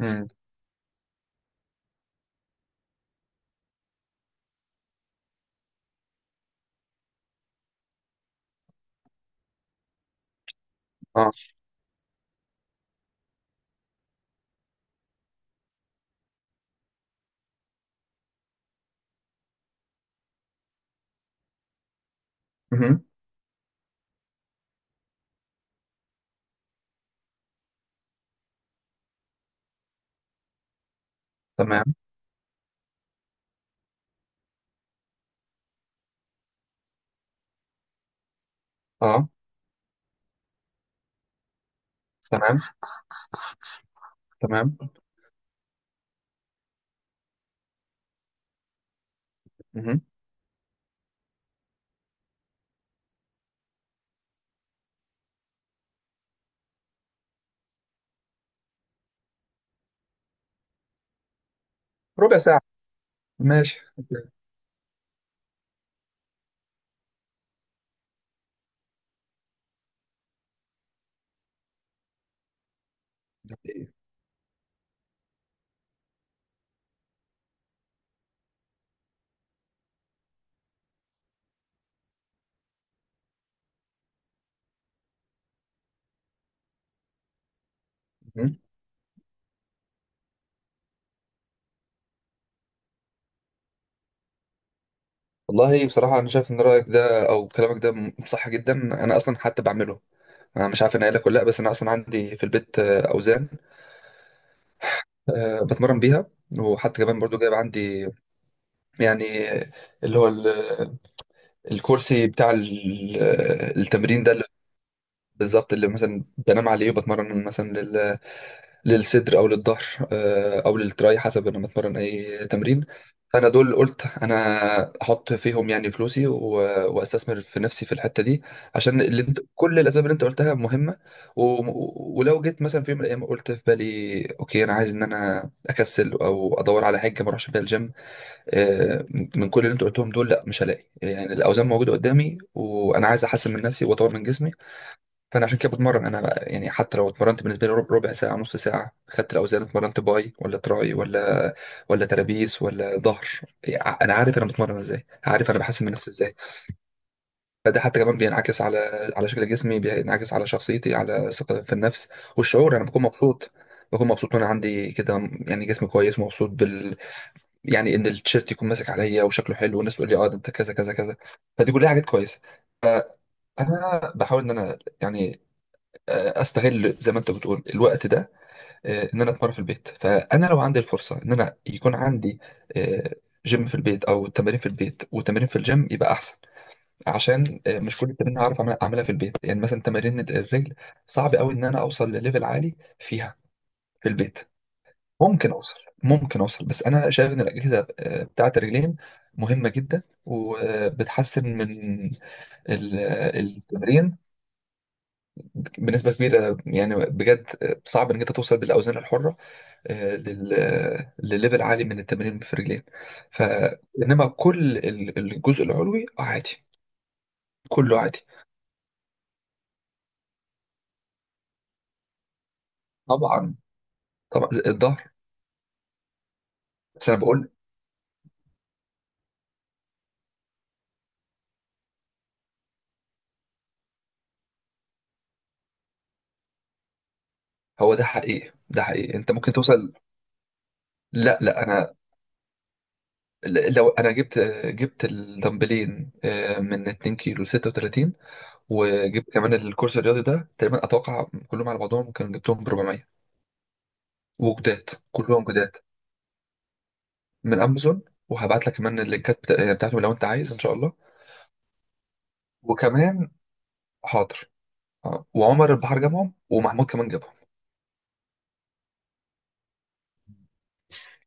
امم. اه. مهم. تمام. اه. تمام، تمام. مهم. ربع ساعة. ماشي. مهم. والله بصراحة أنا شايف إن رأيك ده أو كلامك ده صح جدا. أنا أصلا حتى بعمله. أنا مش عارف أنا قايل لك ولا لأ، بس أنا أصلا عندي في البيت أوزان، بتمرن بيها. وحتى كمان برضو جايب عندي يعني اللي هو الكرسي بتاع التمرين ده، بالظبط اللي مثلا بنام عليه وبتمرن مثلا للصدر او للظهر، او للتراي، حسب انا بتمرن اي تمرين. فانا دول قلت انا احط فيهم يعني فلوسي واستثمر في نفسي في الحته دي، عشان كل الاسباب اللي انت قلتها مهمه. ولو جيت مثلا في يوم من الايام قلت في بالي اوكي انا عايز ان انا اكسل او ادور على حاجه ما اروحش بيها الجيم، آه، من كل اللي انت قلتهم دول لا مش هلاقي، يعني الاوزان موجوده قدامي وانا عايز احسن من نفسي واطور من جسمي. فانا عشان كده بتمرن انا بقى، يعني حتى لو اتمرنت بالنسبه لي ربع ساعه، نص ساعه، خدت الاوزان اتمرنت باي ولا تراي ولا ترابيس ولا ظهر، يعني انا عارف انا بتمرن ازاي، عارف انا بحسن من نفسي ازاي. فده حتى كمان بينعكس على شكل جسمي، بينعكس على شخصيتي، على ثقة في النفس والشعور. انا بكون مبسوط، بكون مبسوط وانا عندي كده، يعني جسم كويس، مبسوط يعني ان التيشيرت يكون ماسك عليا وشكله حلو، والناس تقول لي اه ده انت كذا كذا كذا، فدي كلها حاجات كويسه. انا بحاول ان انا يعني استغل زي ما انت بتقول الوقت ده، ان انا اتمرن في البيت. فانا لو عندي الفرصه ان انا يكون عندي آه، جيم في البيت او تمارين في البيت وتمارين في الجيم يبقى احسن. عشان مش كل التمارين هعرف اعملها في البيت، يعني مثلا تمارين الرجل صعب قوي ان انا اوصل لليفل عالي فيها في البيت. ممكن اوصل، ممكن اوصل، بس انا شايف ان الاجهزه بتاعت الرجلين مهمه جدا، وبتحسن من ال- التمرين بنسبة كبيرة يعني بجد. صعب انك انت توصل بالاوزان الحرة آه، لل آه، لليفل عالي من التمرين في الرجلين. ف انما كل الجزء العلوي عادي، كله عادي. طبعا، طبعا زي الظهر. بس انا بقول هو ده حقيقي، ده حقيقي انت ممكن توصل. لا لا، انا لو انا جبت الدمبلين من 2 كيلو ل 36، وجبت كمان الكورس الرياضي ده، تقريبا اتوقع كلهم على بعضهم كان جبتهم ب 400، وجداد، كلهم جداد، من امازون. وهبعت لك كمان اللينكات يعني بتاعتهم لو انت عايز ان شاء الله. وكمان حاضر. اه، وعمر البحر جابهم، ومحمود كمان جابهم.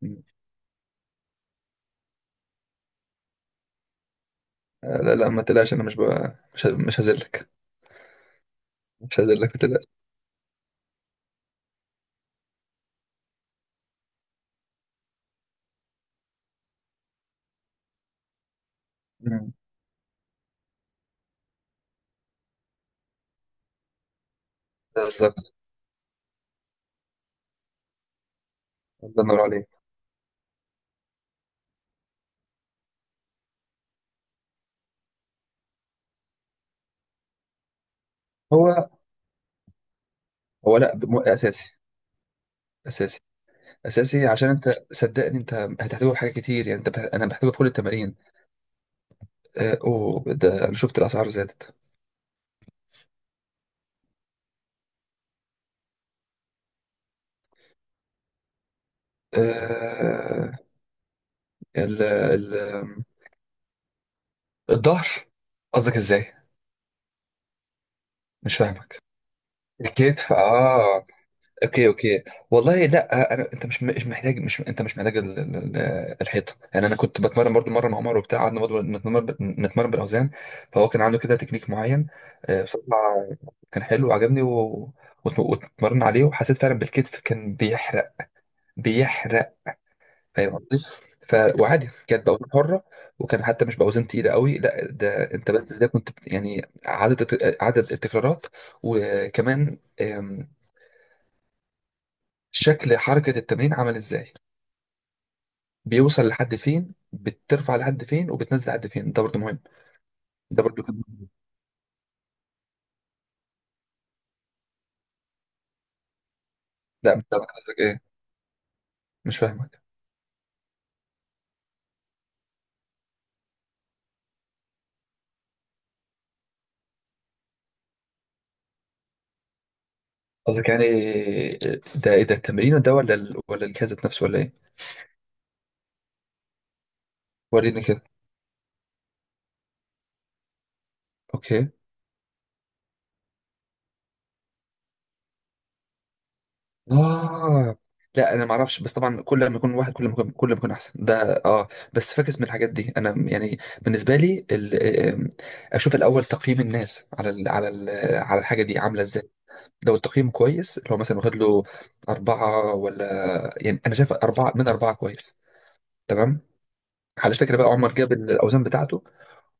مم. لا لا، ما تقلقش، انا مش هذلك. مش هذلك، ما تقلقش. مم. بالظبط. الله ينور عليك. هو هو لا اساسي. اساسي، اساسي، عشان انت صدقني انت هتحتاجه في حاجات كتير، يعني انا بحتاجه في كل التمارين. اوه، ده انا شفت الاسعار زادت. آه، ال... ال... الظهر، قصدك ازاي؟ مش فاهمك. الكتف، اه. اوكي، اوكي. والله لا انت مش محتاج الحيطه. يعني انا كنت بتمرن برضو مره مع عمر وبتاع، قعدنا برضو نتمرن بالاوزان. فهو كان عنده كده تكنيك معين، بصراحه، كان حلو وعجبني واتمرن عليه، وحسيت فعلا بالكتف كان بيحرق، بيحرق. فاهم قصدي؟ ف... وعادي كانت باوزان حره، وكان حتى مش باوزان تقيله قوي، لا ده انت بس ازاي كنت يعني عدد عدد التكرارات، وكمان شكل حركة التمرين عامل ازاي، بيوصل لحد فين، بترفع لحد فين وبتنزل لحد فين، ده برضو مهم. ده برضو كان مهم. لا مش فاهمك قصدك ايه. مش فاهمك قصدك، يعني ده ايه ده، التمرين ده ولا الجهاز ذات نفسه ولا ايه؟ وريني كده. اوكي. اه. لا انا ما اعرفش، بس طبعا كل ما يكون واحد، كل ما يكون احسن ده، اه. بس فاكس من الحاجات دي، انا يعني بالنسبه لي ال... آم، اشوف الاول تقييم الناس على على الحاجه دي عامله ازاي. لو التقييم كويس، اللي هو مثلا واخد له أربعة ولا، يعني أنا شايف 4 من 4 كويس. تمام. على فكرة بقى، عمر جاب الأوزان بتاعته،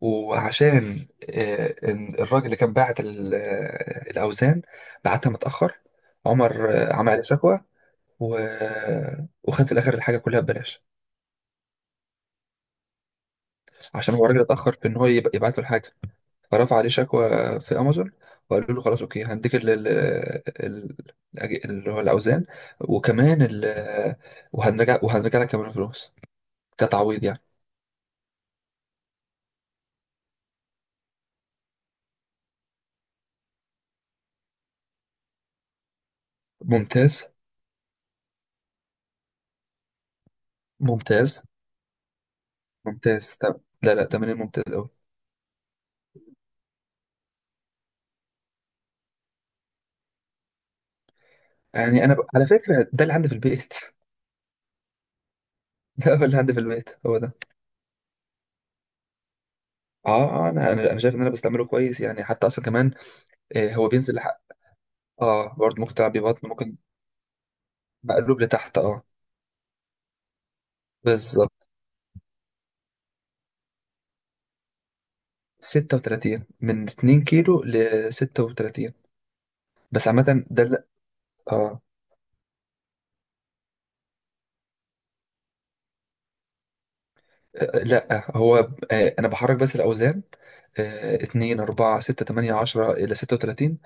وعشان إن الراجل اللي كان باعت الأوزان بعتها متأخر، عمر عمل عليه شكوى، و... وخد في الآخر الحاجة كلها ببلاش. عشان هو الراجل اتأخر في إن هو يبعت له الحاجة، فرفع عليه شكوى في امازون، وقالوا له خلاص اوكي هنديك ال- اللي هو الاوزان، وكمان ال وهنرجع وهنرجع لك كمان فلوس كتعويض يعني. ممتاز، ممتاز، ممتاز. طب لا لا، تمرين ممتاز قوي. يعني انا على فكره ده اللي عندي في البيت ده هو اللي عندي في البيت، هو ده. اه، اه، انا انا أنا شايف ان انا بستعمله كويس يعني حتى اصلا كمان. هو بينزل لحق. اه، برضه ممكن تلعب بيه بطن، ممكن. مقلوب لتحت، اه. بالظبط. 36، من 2 كيلو لستة وتلاتين، بس عامة ده لا. اه. لا هو. انا بحرك بس الاوزان، 2، 4، 6، 8، 10 الى 36.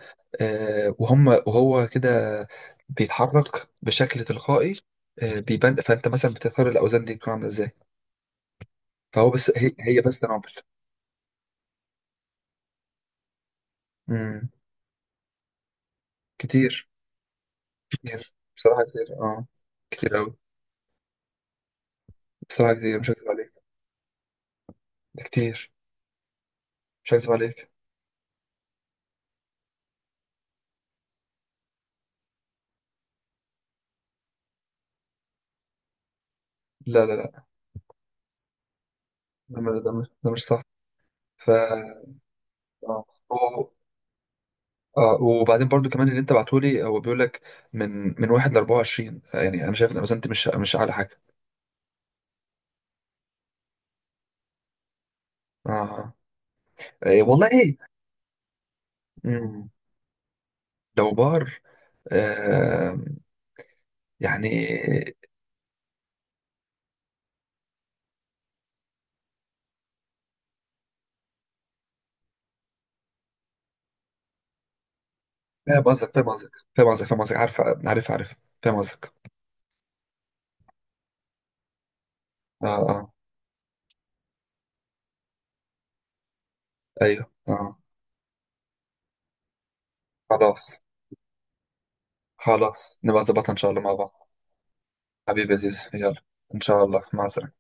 آه وهم وهو كده بيتحرك بشكل تلقائي. بيبان، فانت مثلا بتختار الاوزان دي تكون عاملة ازاي. فهو بس هي بس تنابل. مم. كتير. كتير، بصراحة كتير، اه. كتير اوي، بصراحة كتير، مش هكذب عليك. ده كتير، مش هكذب عليك. لا لا لا، ده مش صح. ف آه. هو- آه، وبعدين برضو كمان اللي انت بعتهولي هو بيقول لك من من 1 ل 24، يعني انا شايف ان الأوزان دي مش اعلى حاجه. اه. إيه، والله ايه. مم. لو بار، آه يعني. فاهم قصدك، فاهم قصدك، فاهم قصدك، فاهم قصدك، عارف، عارف، عارف، فاهم قصدك. اه، اه. ايوه، اه. خلاص. خلاص، نبقى نظبطها ان شاء الله مع بعض. حبيبي يا زيزو، يلا، ان شاء الله، مع السلامه.